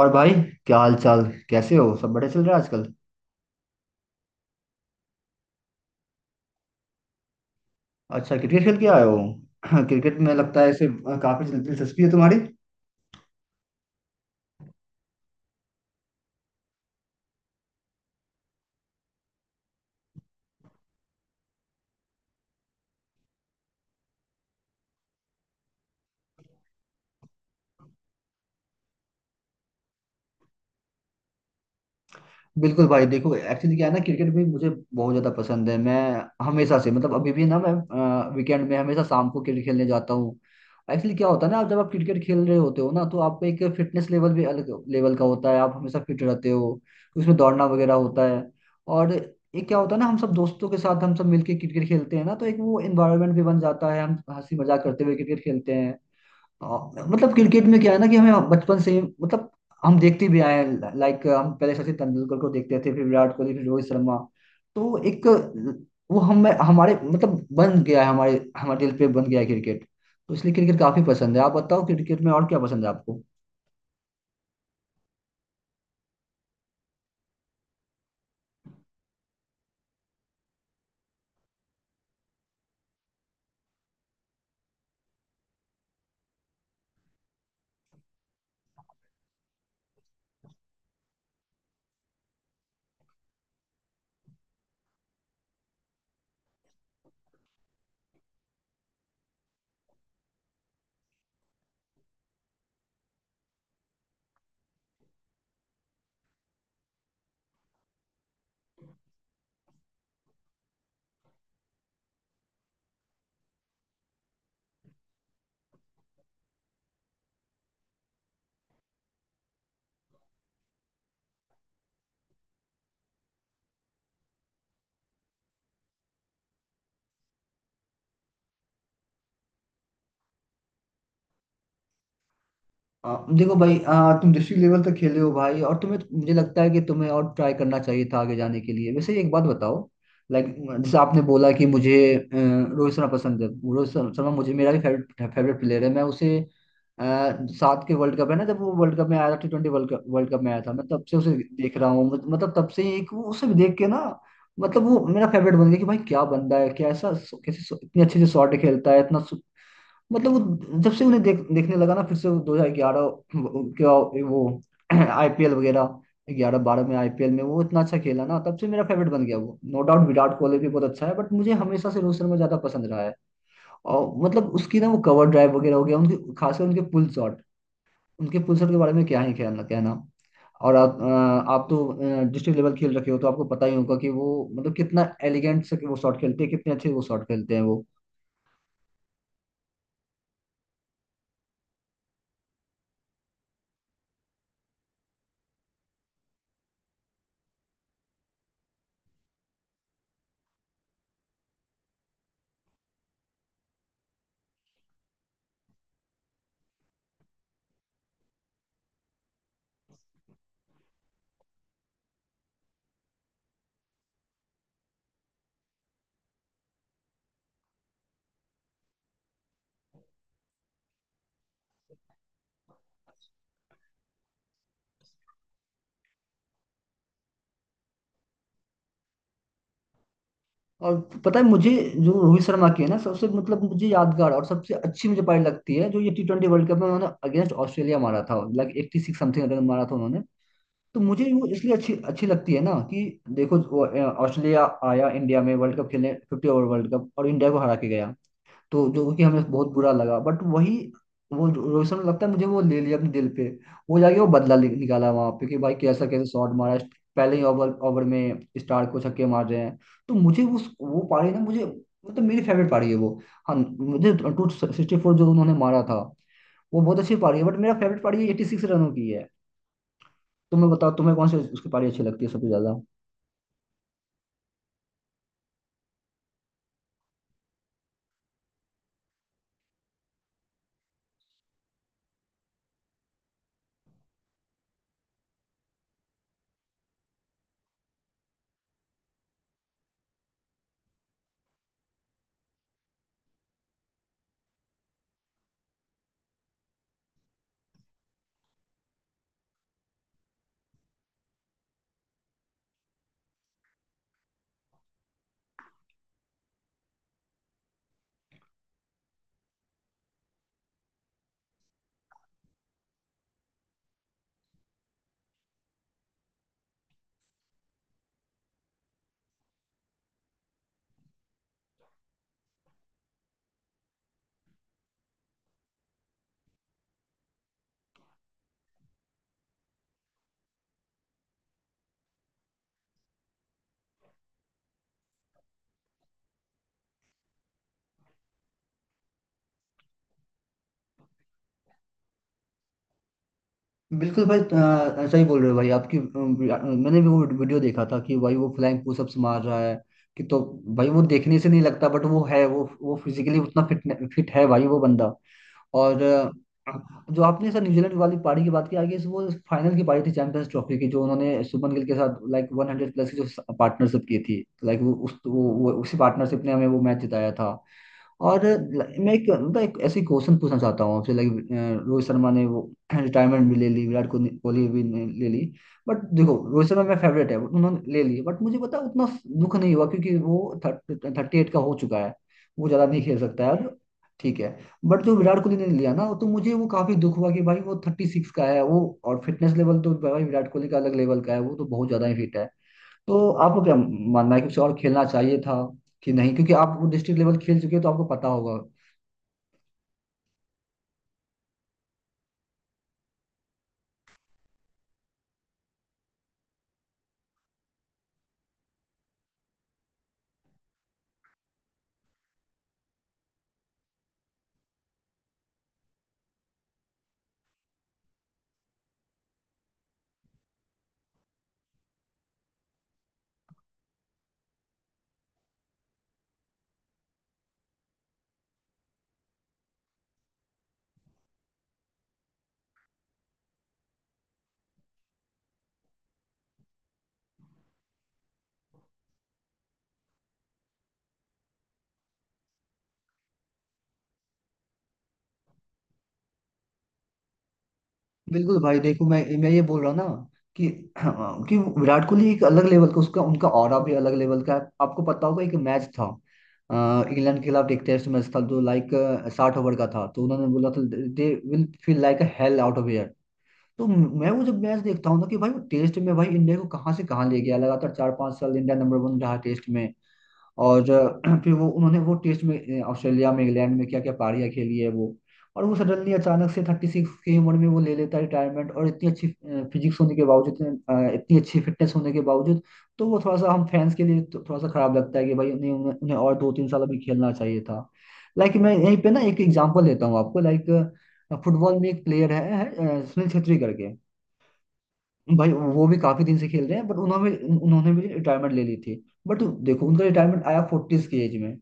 और भाई, क्या हाल चाल। कैसे हो, सब बढ़िया चल रहा है आजकल। अच्छा, क्रिकेट खेल के आए हो। क्रिकेट में लगता है ऐसे काफी दिलचस्पी है तुम्हारी। बिल्कुल भाई, देखो एक्चुअली क्या है ना, क्रिकेट भी मुझे बहुत ज्यादा पसंद है। मैं हमेशा से मतलब अभी भी ना मैं वीकेंड में हमेशा शाम को क्रिकेट खेलने जाता हूँ। एक्चुअली क्या होता है ना, आप जब आप क्रिकेट खेल रहे होते हो ना तो आपका एक फिटनेस लेवल भी अलग लेवल का होता है, आप हमेशा फिट रहते हो। उसमें दौड़ना वगैरह होता है। और ये क्या होता है ना, हम सब दोस्तों के साथ हम सब मिलके क्रिकेट खेलते हैं ना, तो एक वो एनवायरनमेंट भी बन जाता है, हम हंसी मजाक करते हुए क्रिकेट खेलते हैं। हाँ, मतलब क्रिकेट में क्या है ना कि हमें बचपन से ही मतलब हम देखते भी आए हैं। लाइक हम पहले सचिन तेंदुलकर को देखते थे, फिर विराट कोहली, फिर रोहित शर्मा। तो एक वो हम हमारे मतलब बन गया है, हमारे हमारे दिल पे बन गया है क्रिकेट। तो इसलिए क्रिकेट काफी पसंद है। आप बताओ क्रिकेट में और क्या पसंद है आपको। देखो भाई, तुम डिस्ट्रिक्ट लेवल तक खेले हो भाई, और तुम्हें मुझे लगता है कि तुम्हें और ट्राई करना चाहिए था आगे जाने के लिए। वैसे एक बात बताओ, लाइक, जैसे आपने बोला कि मुझे रोहित शर्मा पसंद है। रोहित शर्मा शर्मा मुझे, मेरा भी फेवरेट फेवरेट प्लेयर है। मैं उसे सात के वर्ल्ड कप है ना, जब वो वर्ल्ड कप में आया था, T20 वर्ल्ड कप, में आया था, मैं तब से उसे देख रहा हूँ। मतलब तब से एक उसे देख के ना, मतलब वो मेरा फेवरेट बन गया कि भाई क्या बंदा है, कैसा कैसे इतने अच्छे से शॉट खेलता है। इतना मतलब, वो जब से उन्हें देखने लगा ना, फिर से 2011, क्या, वो, आईपीएल वगैरह, 11-12 में आईपीएल में वो इतना अच्छा खेला ना, तब से मेरा फेवरेट बन गया वो। नो डाउट, विराट कोहली भी बहुत अच्छा है, बट मुझे हमेशा से रोहित शर्मा ज्यादा पसंद रहा है। और मतलब उसकी ना वो कवर ड्राइव वगैरह हो गया उनके, खासकर उनके पुल शॉट। उनके पुल शॉट के बारे में क्या ही कहना कहना। और आप आप तो डिस्ट्रिक्ट लेवल खेल रखे हो, तो आपको पता ही होगा कि वो मतलब कितना एलिगेंट से वो शॉट खेलते हैं, कितने अच्छे वो शॉट खेलते हैं वो। और पता है मुझे, जो रोहित शर्मा की है ना, सबसे मतलब मुझे यादगार और सबसे अच्छी मुझे पारी लगती है, जो ये T20 वर्ल्ड कप में उन्होंने अगेंस्ट ऑस्ट्रेलिया मारा था, लाइक 86 समथिंग रन मारा था उन्होंने। तो मुझे वो इसलिए अच्छी अच्छी लगती है ना कि देखो वो, ऑस्ट्रेलिया आया इंडिया में वर्ल्ड कप खेलने, 50 ओवर वर्ल्ड कप, और इंडिया को हरा के गया। तो जो कि हमें बहुत बुरा लगा, बट वही वो रोहित शर्मा लगता है मुझे, वो ले लिया अपने दिल पे। वो जाके वो बदला निकाला वहां पे कि भाई कैसा कैसे शॉट मारा। पहले ही ओवर ओवर में स्टार को छक्के मार रहे हैं। तो मुझे उस वो पारी ना, मुझे मतलब, तो मेरी फेवरेट पारी है वो। हाँ, मुझे 264 जो उन्होंने मारा था वो बहुत अच्छी पारी है, बट मेरा फेवरेट पारी 86 रनों की है। तुम्हें बताओ, तुम्हें कौन सी उसकी पारी अच्छी लगती है सबसे ज्यादा। बिल्कुल भाई, ऐसा ही बोल रहे हो भाई। मैंने भी वो वीडियो देखा था कि भाई वो फ्लाइंग पुशअप्स मार रहा है, कि तो भाई वो देखने से नहीं लगता बट वो है, वो फिजिकली उतना फिट फिट है भाई वो बंदा। और जो आपने सर न्यूजीलैंड वाली पारी की बात की, आगे इस वो फाइनल की पारी थी चैंपियंस ट्रॉफी की, जो उन्होंने शुभमन गिल के साथ लाइक 100 प्लस की जो पार्टनरशिप की थी, लाइक वो वो उसी पार्टनरशिप ने हमें वो मैच जिताया था। और मैं एक ऐसी क्वेश्चन पूछना चाहता हूँ आपसे, लाइक रोहित शर्मा ने वो रिटायरमेंट भी ले ली, विराट कोहली कोहली भी ने ले ली। बट देखो, रोहित शर्मा मेरा फेवरेट है, but उन्होंने ले ली, बट मुझे पता है, उतना दुख नहीं हुआ क्योंकि वो 38 का हो चुका है, वो ज़्यादा नहीं खेल सकता है अब, ठीक है। बट जो विराट कोहली ने लिया ना, तो मुझे वो काफ़ी दुख हुआ कि भाई वो 36 का है वो, और फिटनेस लेवल तो भाई विराट कोहली का अलग लेवल का है, वो तो बहुत ज़्यादा ही फिट है। तो आपको क्या मानना है कि उसे और खेलना चाहिए था कि नहीं, क्योंकि आप वो डिस्ट्रिक्ट लेवल खेल चुके हैं तो आपको पता होगा। बिल्कुल भाई, देखो मैं ये बोल रहा हूँ ना कि कि विराट कोहली एक अलग लेवल का, उसका उनका ऑरा भी अलग लेवल का है। आपको पता होगा, एक मैच था इंग्लैंड के खिलाफ, एक टेस्ट मैच था जो लाइक 60 ओवर का था, तो उन्होंने बोला था, they will feel like a hell out of air. तो मैं वो जब मैच देखता हूँ ना, कि भाई वो टेस्ट में भाई इंडिया को कहाँ से कहाँ ले गया। लगातार 4-5 साल इंडिया नंबर वन रहा टेस्ट में। और फिर वो उन्होंने वो टेस्ट में ऑस्ट्रेलिया में, इंग्लैंड में क्या क्या पारियां खेली है वो। और वो सडनली अचानक से 36 की उम्र में वो ले लेता है रिटायरमेंट, और इतनी अच्छी फिजिक्स होने के बावजूद, इतनी अच्छी फिटनेस होने के बावजूद। तो वो थोड़ा सा हम फैंस के लिए तो थोड़ा सा खराब लगता है कि भाई उन्हें उन्हें उन्हें और 2-3 साल अभी खेलना चाहिए था। लाइक मैं यहीं पे ना एक एग्जांपल लेता हूँ आपको, लाइक फुटबॉल में एक प्लेयर है सुनील छेत्री करके। भाई वो भी काफी दिन से खेल रहे हैं, बट उन्होंने उन्होंने भी रिटायरमेंट ले ली थी। बट देखो उनका रिटायरमेंट आया फोर्टीज की एज में।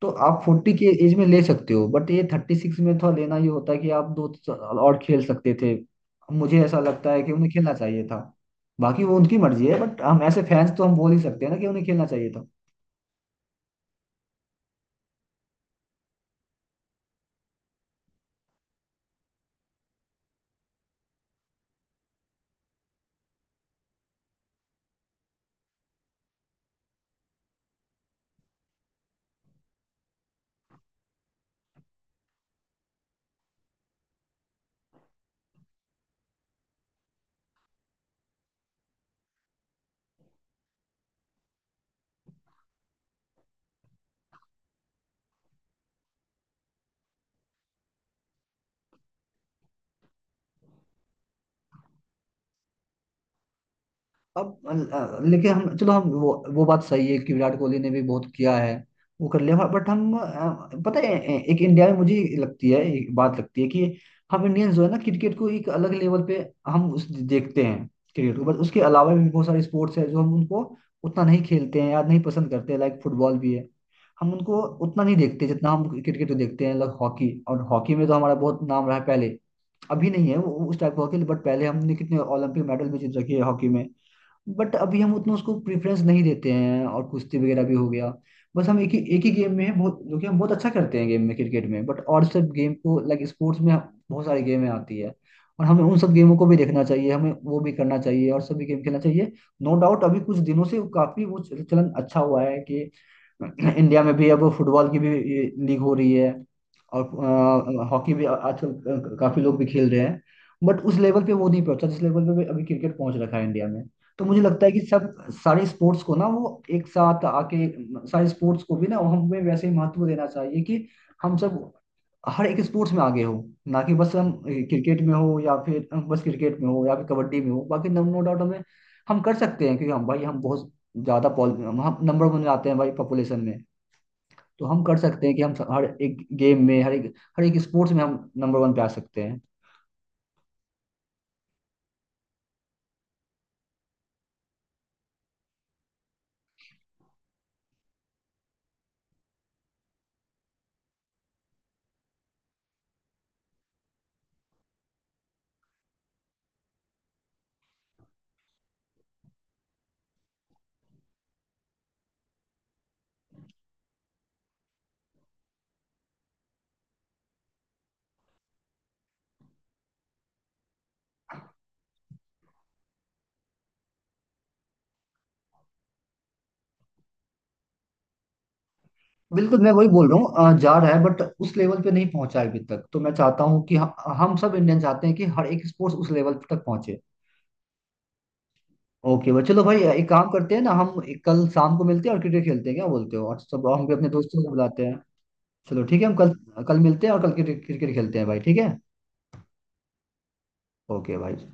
तो आप 40 की एज में ले सकते हो, बट ये 36 में थोड़ा लेना, ये होता है कि आप 2 साल और खेल सकते थे। मुझे ऐसा लगता है कि उन्हें खेलना चाहिए था। बाकी वो उनकी मर्जी है, बट हम ऐसे फैंस तो हम बोल ही सकते हैं ना कि उन्हें खेलना चाहिए था। अब लेकिन, हम चलो, हम वो बात सही है कि विराट कोहली ने भी बहुत किया है, वो कर लिया। बट हम पता है, एक इंडिया में मुझे लगती है एक बात लगती है कि हम इंडियंस जो है ना, क्रिकेट को एक अलग लेवल पे हम उस देखते हैं क्रिकेट को, बट उसके अलावा भी बहुत सारे स्पोर्ट्स है जो हम उनको उतना नहीं खेलते हैं या नहीं पसंद करते हैं। लाइक फुटबॉल भी है, हम उनको उतना नहीं देखते जितना हम क्रिकेट को देखते हैं। लाइक हॉकी, और हॉकी में तो हमारा बहुत नाम रहा है पहले। अभी नहीं है वो, उस टाइप का हॉकी, बट पहले हमने कितने ओलंपिक मेडल भी जीत रखे हैं हॉकी में। बट अभी हम उतना उसको प्रेफरेंस नहीं देते हैं, और कुश्ती वगैरह भी हो गया। बस हम एक ही गेम में हैं बहुत, जो कि हम बहुत अच्छा करते हैं गेम में, क्रिकेट में, बट और सब गेम को लाइक स्पोर्ट्स में बहुत सारी गेमें आती है। और हमें उन सब गेमों को भी देखना चाहिए, हमें वो भी करना चाहिए और सभी गेम खेलना चाहिए। नो डाउट, अभी कुछ दिनों से काफी वो चलन अच्छा हुआ है कि इंडिया में भी अब फुटबॉल की भी लीग हो रही है, और हॉकी भी आजकल काफी लोग भी खेल रहे हैं। बट उस लेवल पे वो नहीं पहुंचा जिस लेवल पे अभी क्रिकेट पहुंच रखा है इंडिया में। तो मुझे लगता है कि सब सारे स्पोर्ट्स को ना वो एक साथ आके, सारे स्पोर्ट्स को भी ना हमें वैसे ही महत्व देना चाहिए कि हम सब हर एक स्पोर्ट्स में आगे हो, ना कि बस हम क्रिकेट में हो, या फिर बस क्रिकेट में हो, या फिर कबड्डी में हो। बाकी नो, डाउट हमें, हम कर सकते हैं क्योंकि हम भाई हम बहुत ज्यादा पॉल, हम नंबर वन आते हैं भाई पॉपुलेशन में। तो हम कर सकते हैं कि हम हर एक गेम में, हर एक स्पोर्ट्स में हम नंबर वन पे आ सकते हैं। बिल्कुल, मैं वही बोल रहा हूँ, जा रहा है बट उस लेवल पे नहीं पहुंचा है अभी तक। तो मैं चाहता हूँ कि हम सब इंडियन चाहते हैं कि हर एक स्पोर्ट्स उस लेवल तक पहुंचे। ओके भाई, चलो भाई, एक काम करते हैं ना, हम एक कल शाम को मिलते हैं और क्रिकेट खेलते हैं, क्या बोलते हो, और सब हम भी अपने दोस्तों को बुलाते हैं। चलो ठीक है, हम कल कल मिलते हैं और कल क्रिकेट क्रिकेट खेलते हैं भाई, ठीक है। ओके भाई।